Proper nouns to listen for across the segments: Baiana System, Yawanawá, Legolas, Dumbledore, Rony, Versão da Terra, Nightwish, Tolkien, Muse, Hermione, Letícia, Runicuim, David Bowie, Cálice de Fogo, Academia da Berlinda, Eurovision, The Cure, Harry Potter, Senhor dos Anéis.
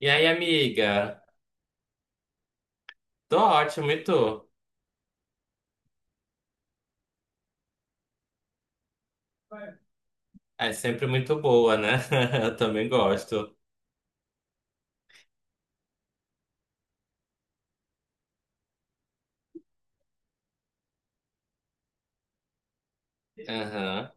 E aí, amiga? Tô ótimo, e tu? É sempre muito boa, né? Eu também gosto. Aham.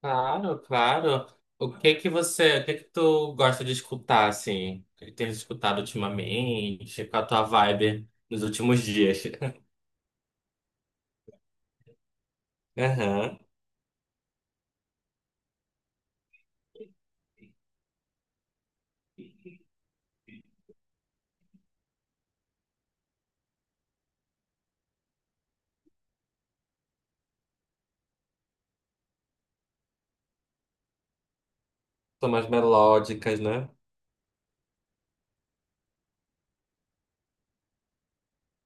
Claro, claro. O que que você, o que que tu gosta de escutar, assim? O que que tem escutado ultimamente? Qual a tua vibe nos últimos dias? Aham. São mais melódicas, né?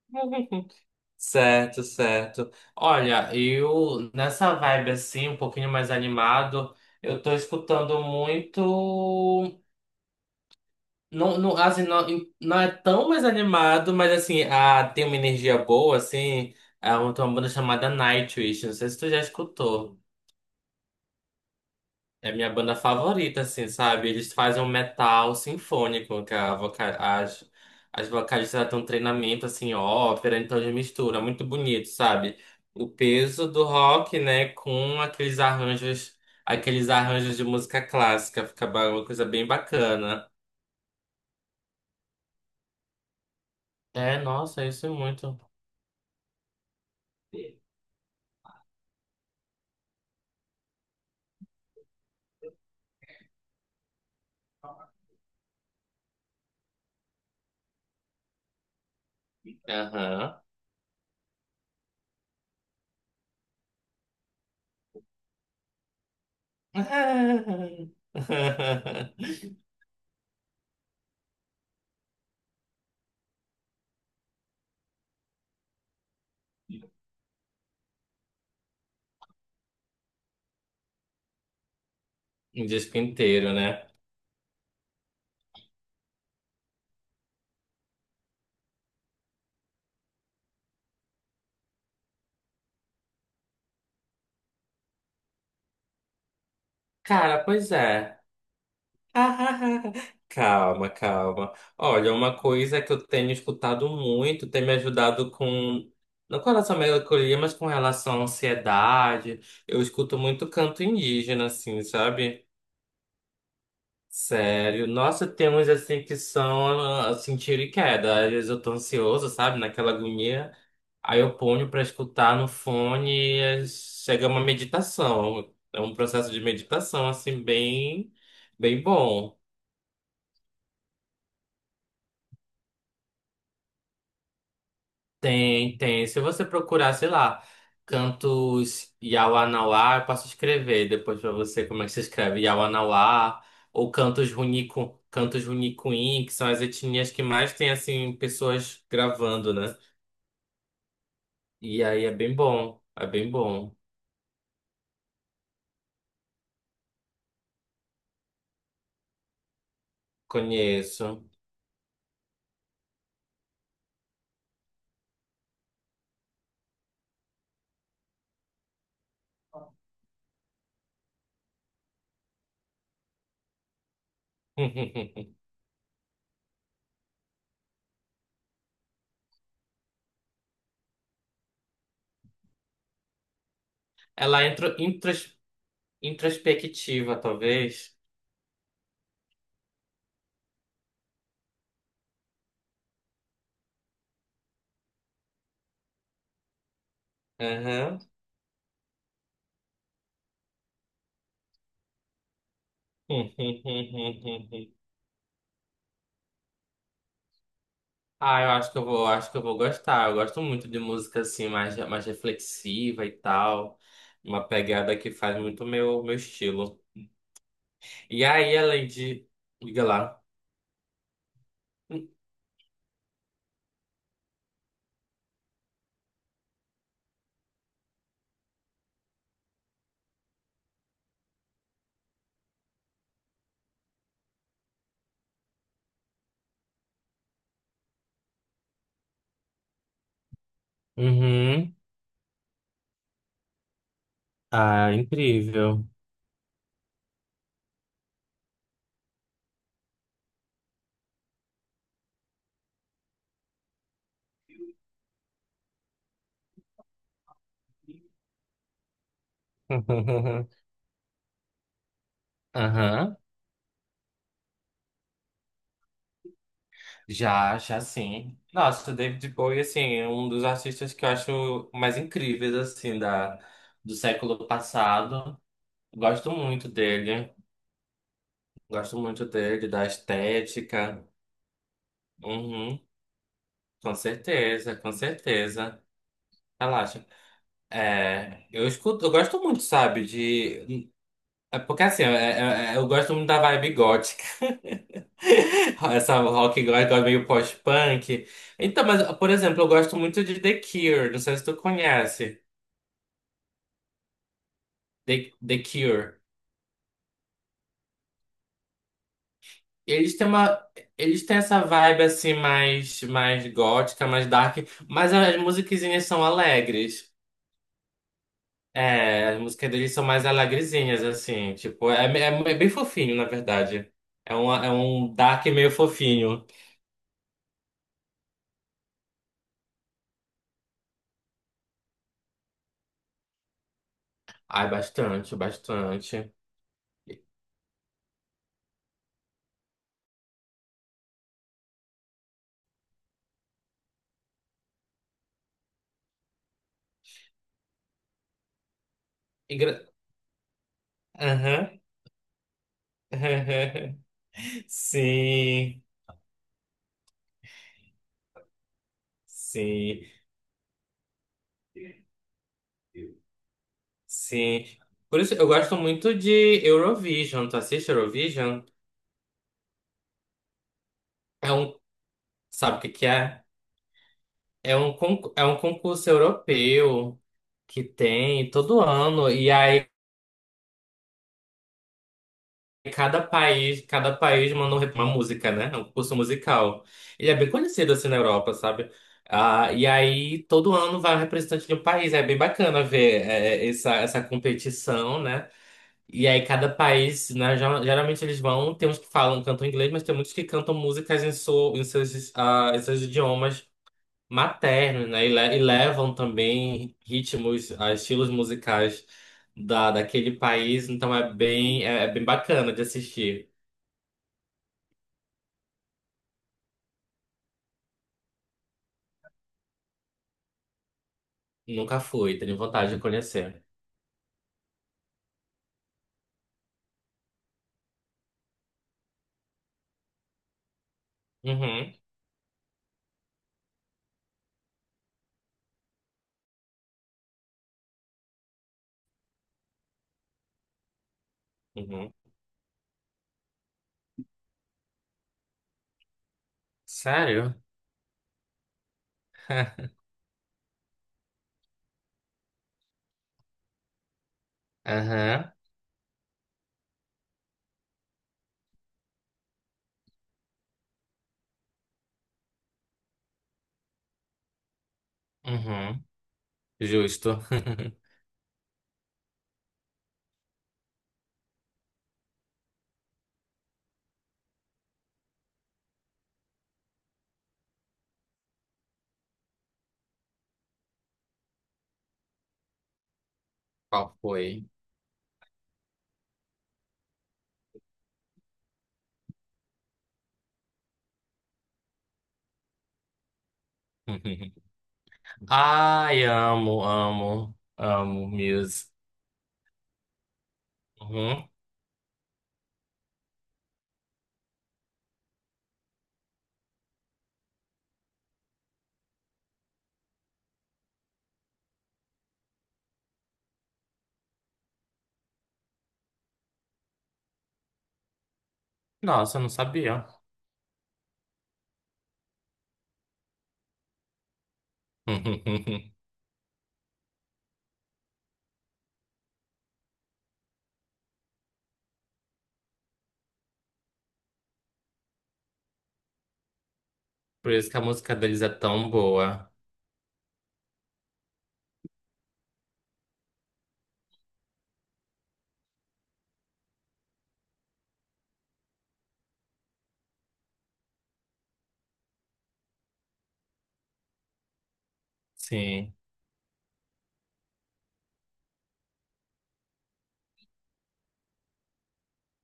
Certo, certo. Olha, eu nessa vibe assim, um pouquinho mais animado, eu tô escutando muito. Não, não, assim, não, não é tão mais animado, mas assim, ah, tem uma energia boa, assim. Tem uma banda chamada Nightwish, não sei se tu já escutou. É a minha banda favorita, assim, sabe? Eles fazem um metal sinfônico, que as vocalistas elas têm um treinamento, assim, ópera, então eles misturam, é muito bonito, sabe? O peso do rock, né, com aqueles arranjos de música clássica, uma coisa bem bacana. É, nossa, isso é muito. Aham. Um disco inteiro, né? Cara, pois é. Calma, calma. Olha, uma coisa que eu tenho escutado muito, tem me ajudado com. Não com relação à melancolia, mas com relação à ansiedade. Eu escuto muito canto indígena, assim, sabe? Sério, nossa, tem uns assim que são ah, assim, tiro e queda. Às vezes eu tô ansioso, sabe, naquela agonia. Aí eu ponho pra escutar no fone e chega uma meditação. É um processo de meditação, assim, bem, bem bom. Tem, tem. Se você procurar, sei lá, cantos Yawanawá, eu posso escrever depois pra você como é que se escreve Yawanawá, ou cantos Runico, cantos Runicuim, que são as etnias que mais tem, assim, pessoas gravando, né? E aí é bem bom, é bem bom. Conheço. Ela é introspectiva, talvez. Aham. Ah, eu acho que eu vou, acho que eu vou gostar. Eu gosto muito de música assim, mais, mais reflexiva e tal. Uma pegada que faz muito meu, meu estilo. E aí, além de. Liga lá. Uhum. Ah, incrível. Aham. Já, já sim. Nossa, o David Bowie, assim, é um dos artistas que eu acho mais incríveis, assim, da, do século passado. Gosto muito dele. Gosto muito dele, da estética. Uhum. Com certeza, com certeza. Relaxa. É, eu escuto, eu gosto muito, sabe, de. É porque assim, é- é- é- Eu gosto muito da vibe gótica. Essa rock gótica meio post-punk. Então, mas, por exemplo, eu gosto muito de The Cure. Não sei se tu conhece. The Cure. Eles têm uma. Eles têm essa vibe assim mais, mais gótica, mais dark, mas as musiquinhas são alegres. É, as músicas deles são mais alegrezinhas, assim, tipo, é bem fofinho, na verdade. É um dark meio fofinho. Ai, bastante, bastante. E- e gra- Aham. Sim, sim, sim. Por isso, eu gosto muito de Eurovision. Tu assiste Eurovision? É um, sabe o que que é? É um concurso europeu que tem todo ano. E aí cada país, cada país manda um- uma música, né? É um curso musical. Ele é bem conhecido assim na Europa, sabe? Ah, e aí todo ano vai um representante de um país. É bem bacana ver essa, essa competição, né? E aí cada país, né, geralmente eles vão, tem uns que falam, cantam inglês, mas tem muitos que cantam músicas em seus idiomas maternos, né? E, e levam também ritmos, ah, estilos musicais daquele país, então é bem, é bem bacana de assistir. Nunca fui, tenho vontade de conhecer. Uhum, uhum. Sério? Aham, uhum. Justo. Qual foi? Ai, amo, amo, amo Muse. Uhum. Nossa, eu não sabia. Por isso que a música deles é tão boa. Sim.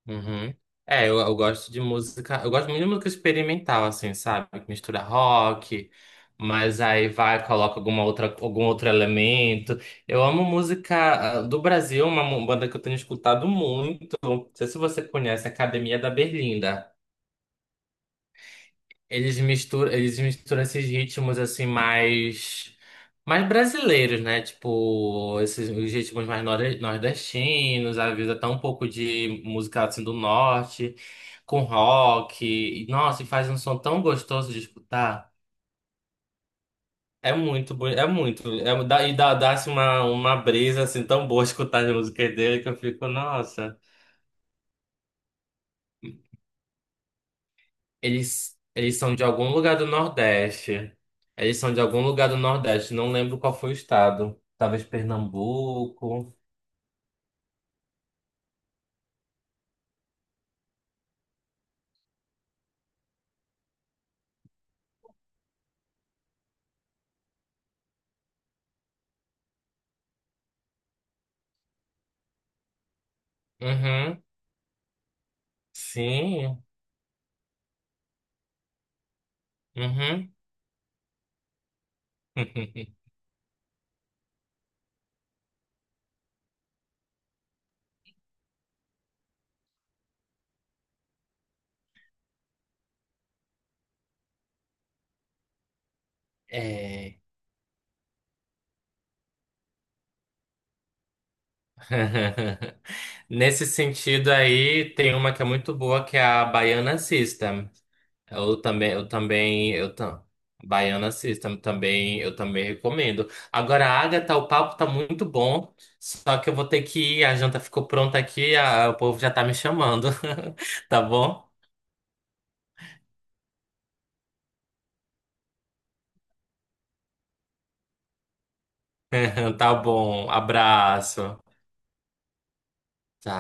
Uhum. Eu gosto de música, eu gosto muito de música experimental, assim, sabe? Que mistura rock, mas aí vai, coloca alguma outra, algum outro elemento. Eu amo música ah, do Brasil, banda que eu tenho escutado muito. Não sei se você conhece, Academia da Berlinda. Eles misturam esses ritmos assim mais, mais brasileiros, né? Tipo, esses os ritmos mais nor- nordestinos, às vezes até um pouco de música assim do norte, com rock. E, nossa, e faz um som tão gostoso de escutar. É muito, é, dá, dá-se uma brisa assim tão boa escutar as músicas dele que eu fico, nossa. Eles são de algum lugar do Nordeste. Eles são de algum lugar do Nordeste. Não lembro qual foi o estado. Talvez Pernambuco. Uhum. Sim. Uhum. É. Nesse sentido aí, tem uma que é muito boa, que é a Baiana System. Eu também, eu também, eu tam... Baiana System também, eu também recomendo. Agora, Agatha, o papo tá muito bom, só que eu vou ter que ir, a janta ficou pronta aqui, o povo já tá me chamando. Tá bom? Tá bom. Abraço. Tá.